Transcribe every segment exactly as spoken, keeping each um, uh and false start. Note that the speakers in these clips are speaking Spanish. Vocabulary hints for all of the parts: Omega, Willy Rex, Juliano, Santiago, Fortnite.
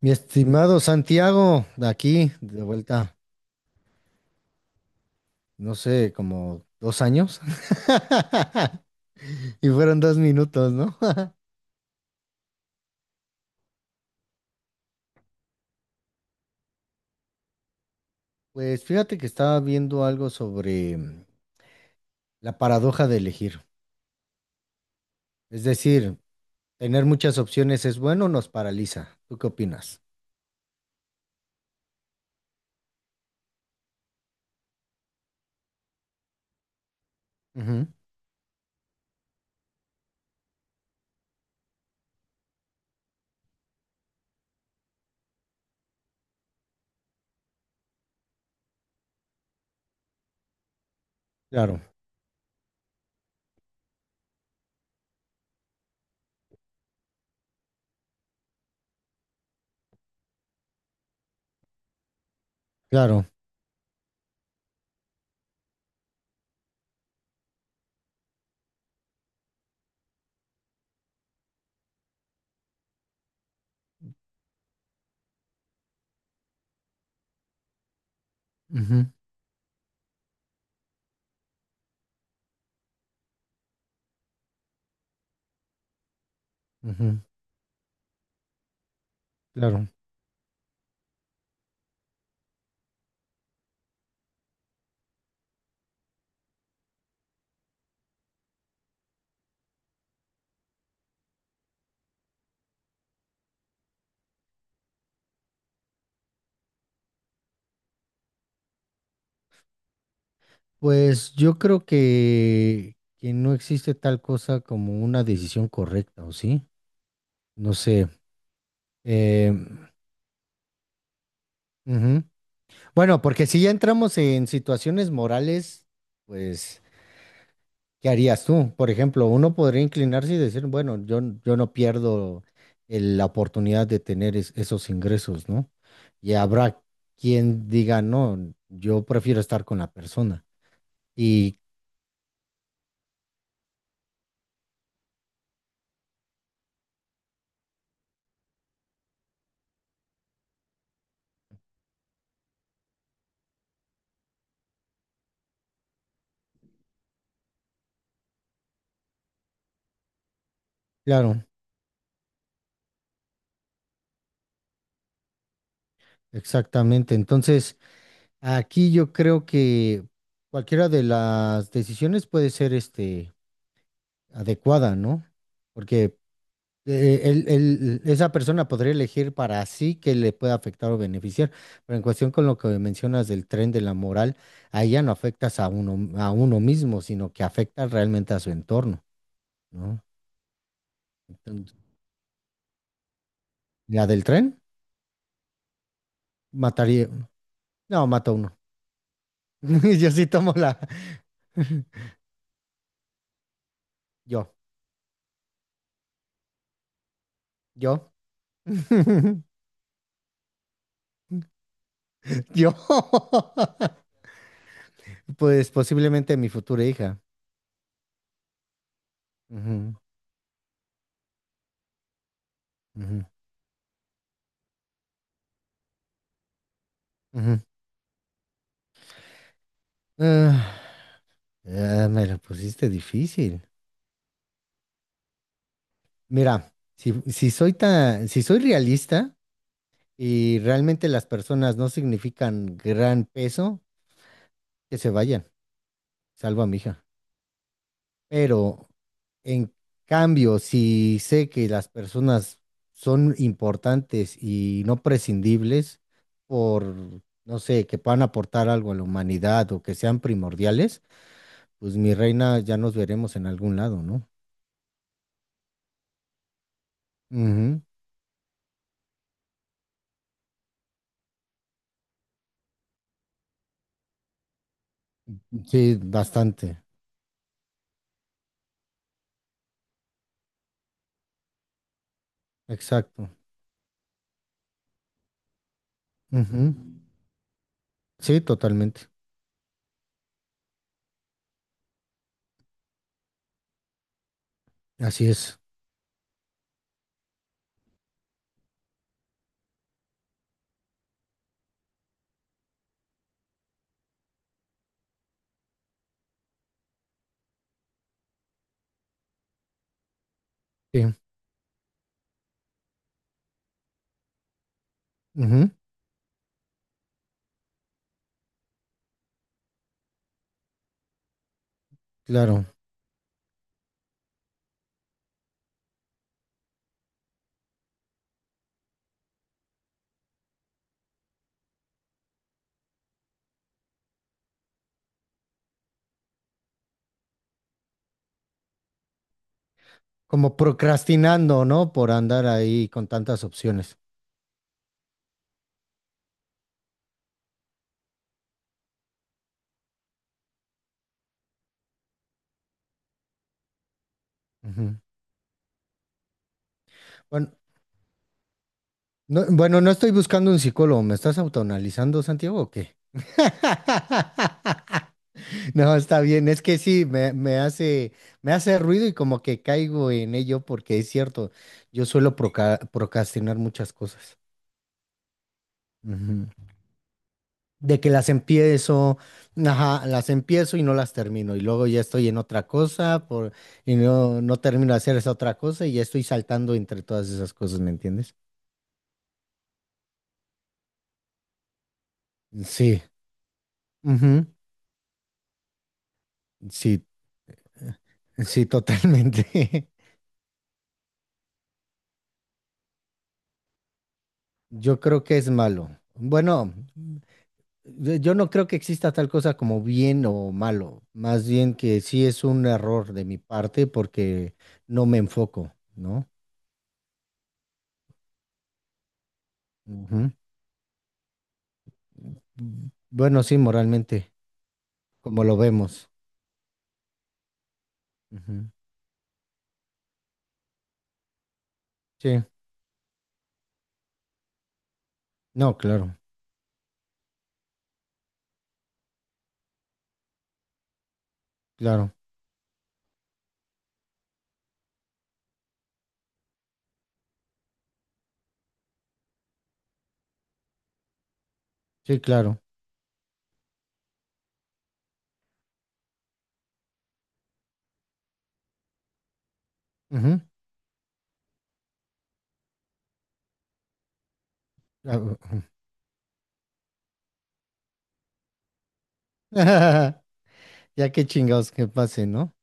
Mi estimado Santiago, de aquí, de vuelta, no sé, como dos años. Y fueron dos minutos, ¿no? Pues fíjate que estaba viendo algo sobre mm, la paradoja de elegir. Es decir, tener muchas opciones es bueno o nos paraliza. ¿Tú qué opinas? Ujú. Claro, claro. Ujú. Ujú. Claro. Pues yo creo que, que no existe tal cosa como una decisión correcta, ¿o sí? No sé. Eh, Ujú. Bueno, porque si ya entramos en situaciones morales, pues, ¿qué harías tú? Por ejemplo, uno podría inclinarse y decir, bueno, yo, n- yo no pierdo el- la oportunidad de tener es- esos ingresos, ¿no? Y habrá quien diga, no, yo prefiero estar con la persona. Y claro, exactamente. Entonces, aquí yo creo que cualquiera de las decisiones puede ser, este, adecuada, ¿no? Porque eh, él- él- esa persona podría elegir para sí que le pueda afectar o beneficiar, pero en cuestión con lo que mencionas del tren de la moral, ahí ya no afectas a uno, a uno mismo, sino que afectas realmente a su entorno, ¿no? Entonces, la del tren mataría, no, mata a uno. Yo sí tomo la, yo, yo, yo, pues posiblemente mi futura hija. Ujú. Ujú. Ujú. Ah, ah, me lo pusiste difícil. Mira, si, si soy tan, si soy realista y realmente las personas no significan gran peso, que se vayan, salvo a mi hija. Pero en cambio, si sé que las personas son importantes y no prescindibles por, no sé, que puedan aportar algo a la humanidad o que sean primordiales, pues mi reina ya nos veremos en algún lado, ¿no? Ujú. Sí, bastante. Exacto. Ujú. Sí, totalmente. Así es. Sí. Ujú. Claro. Como procrastinando, ¿no? Por andar ahí con tantas opciones. Ujú. Bueno, no, bueno, no estoy buscando un psicólogo. ¿Me estás autoanalizando, Santiago, o qué? No, está bien. Es que sí, me, me hace, me hace ruido y como que caigo en ello porque es cierto, yo suelo proca- procrastinar muchas cosas. De que las empiezo, ajá, las empiezo y no las termino, y luego ya estoy en otra cosa por, y no, no termino de hacer esa otra cosa y ya estoy saltando entre todas esas cosas, ¿me entiendes? Sí. Ujú. Sí, sí, totalmente. Yo creo que es malo. Bueno, yo yo no creo que exista tal cosa como bien o malo, más bien que sí es un error de mi parte porque no me enfoco, ¿no? Ujú. Bueno, sí, moralmente. Como lo vemos. Ujú. Sí, no, claro, claro, sí, claro. Ujú, claro, ujú. Ya que chingados que pase, ¿no?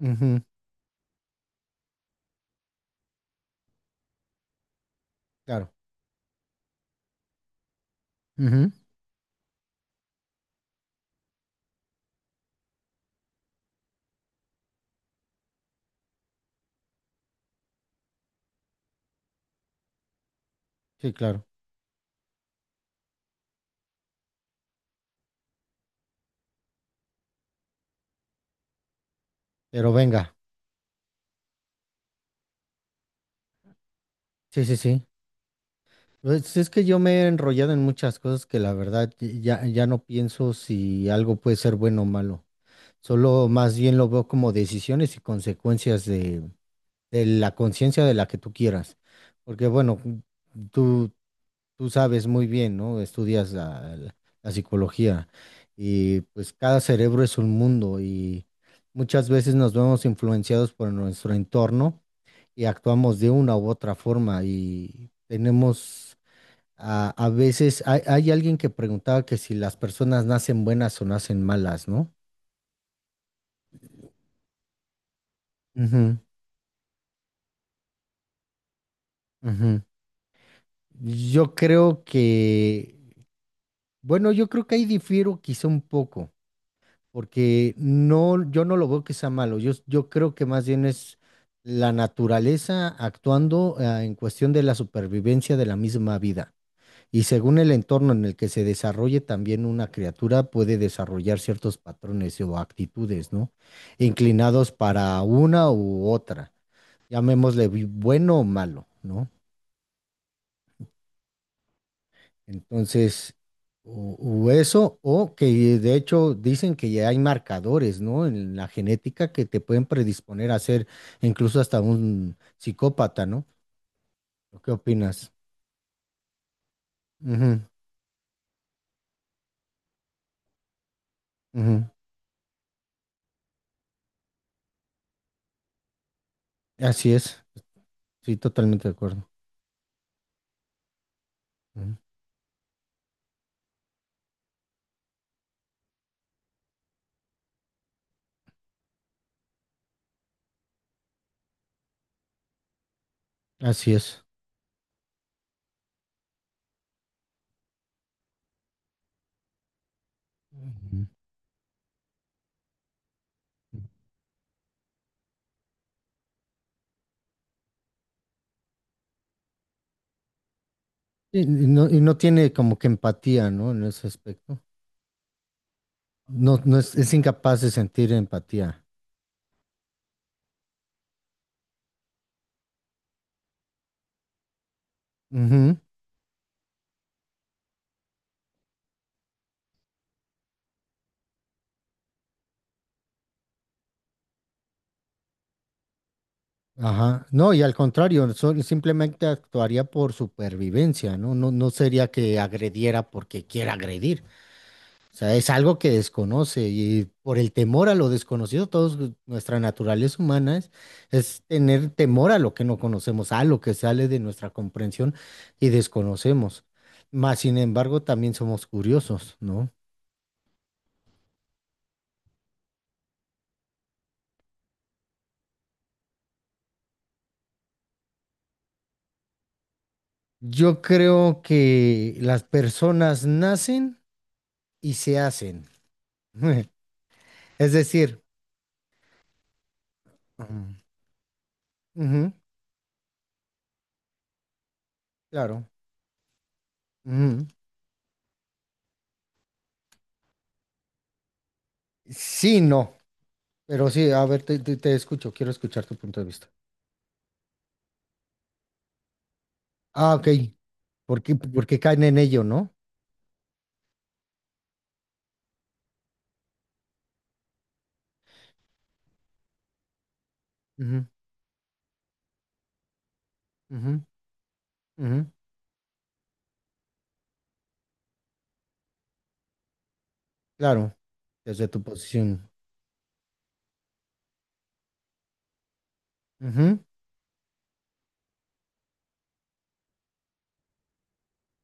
Ujú. Claro. Ujú. Sí, claro. Pero venga, sí, sí, sí. Pues es que yo me he enrollado en muchas cosas que la verdad y- ya, ya no pienso si algo puede ser bueno o malo. Solo más bien lo veo como decisiones y consecuencias de, de la conciencia de la que tú quieras. Porque bueno, tú, tú sabes muy bien, ¿no? Estudias la, la- la psicología y pues cada cerebro es un mundo y muchas veces nos vemos influenciados por nuestro entorno y actuamos de una u otra forma y tenemos a, a veces, hay, hay alguien que preguntaba que si las personas nacen buenas o nacen malas, ¿no? Ujú, ujú. Yo creo que, bueno, yo creo que ahí difiero quizá un poco. Porque no, yo no lo veo que sea malo. Yo, yo creo que más bien es la naturaleza actuando, ah, en cuestión de la supervivencia de la misma vida. Y según el entorno en el que se desarrolle, también una criatura puede desarrollar ciertos patrones o actitudes, ¿no? Inclinados para una u otra, llamémosle vi- bueno o malo, ¿no? Entonces, o, o eso, o que de hecho dicen que ya hay marcadores, ¿no? En la genética que te pueden predisponer a ser incluso hasta un psicópata, ¿no? O, ¿qué opinas? Ujú, ujú. Así es, sí, totalmente de acuerdo. Ujú. Así es. Ujú. Y, y no, y no tiene como que empatía, ¿no? En ese aspecto. No, no es, es incapaz de sentir empatía. Ajá. No, y al contrario, sol- simplemente actuaría por supervivencia, ¿no? No, no sería que agrediera porque quiera agredir. O sea, es algo que desconoce y por el temor a lo desconocido, todos gu- nuestra naturaleza humana es, es tener temor a lo que no conocemos, a lo que sale de nuestra comprensión y desconocemos. Mas, sin embargo, también somos curiosos, ¿no? Yo creo que las personas nacen y se hacen. Es decir. Ujú, claro. Ujú. Sí, no, pero sí, a ver, te, te- te escucho, quiero escuchar tu punto de vista. Ah, ok. ¿por qué, por qué caen en ello, no? Ujú, ujú, ujú. Claro, desde tu posición. Ujú.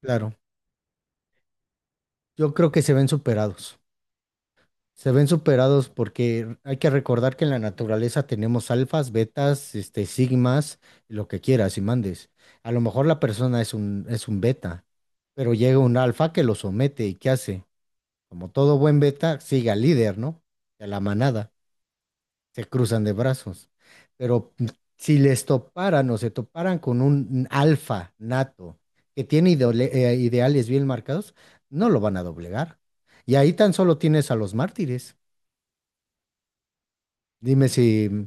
Claro, yo creo que se ven superados. Se ven superados porque hay que recordar que en la naturaleza tenemos alfas, betas, este, sigmas, lo que quieras y mandes. A lo mejor la persona es un, es un beta, pero llega un alfa que lo somete y ¿qué hace? Como todo buen beta, sigue al líder, ¿no? Y a la manada. Se cruzan de brazos. Pero mm, si les toparan o se toparan con un alfa nato que tiene idole- eh, ideales bien marcados, no lo van a doblegar. Y ahí tan solo tienes a los mártires. Dime si... Mm.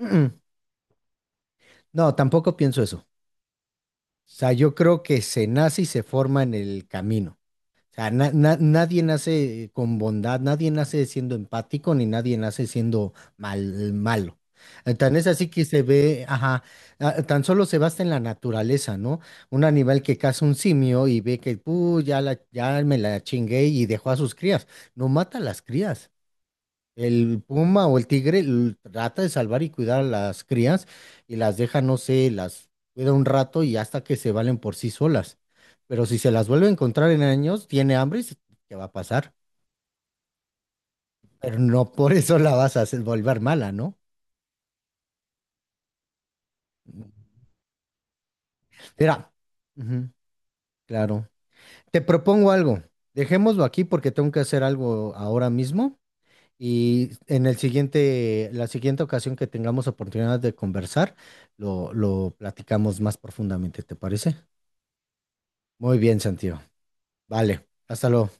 Mm. No, tampoco pienso eso. O sea, yo creo que se nace y se forma en el camino. O sea, na- na- nadie nace con bondad, nadie nace siendo empático, ni nadie nace siendo mal, malo. Eh, Tan es así que se ve, ajá, ah, tan solo se basa en la naturaleza, ¿no? Un animal que caza un simio y ve que, "Puh, ya la, ya me la chingué y dejó a sus crías. No mata a las crías. El puma o el tigre l- trata de salvar y cuidar a las crías y las deja, no sé, las cuida un rato y hasta que se valen por sí solas. Pero si se las vuelve a encontrar en años, tiene hambre y se- ¿qué va a pasar? Pero no por eso la vas a hacer volver mala, ¿no? Mira, ujú, claro. Te propongo algo. Dejémoslo aquí porque tengo que hacer algo ahora mismo. Y en el siguiente, la siguiente ocasión que tengamos oportunidad de conversar, lo, lo platicamos más profundamente, ¿te parece? Muy bien, Santiago. Vale, hasta luego.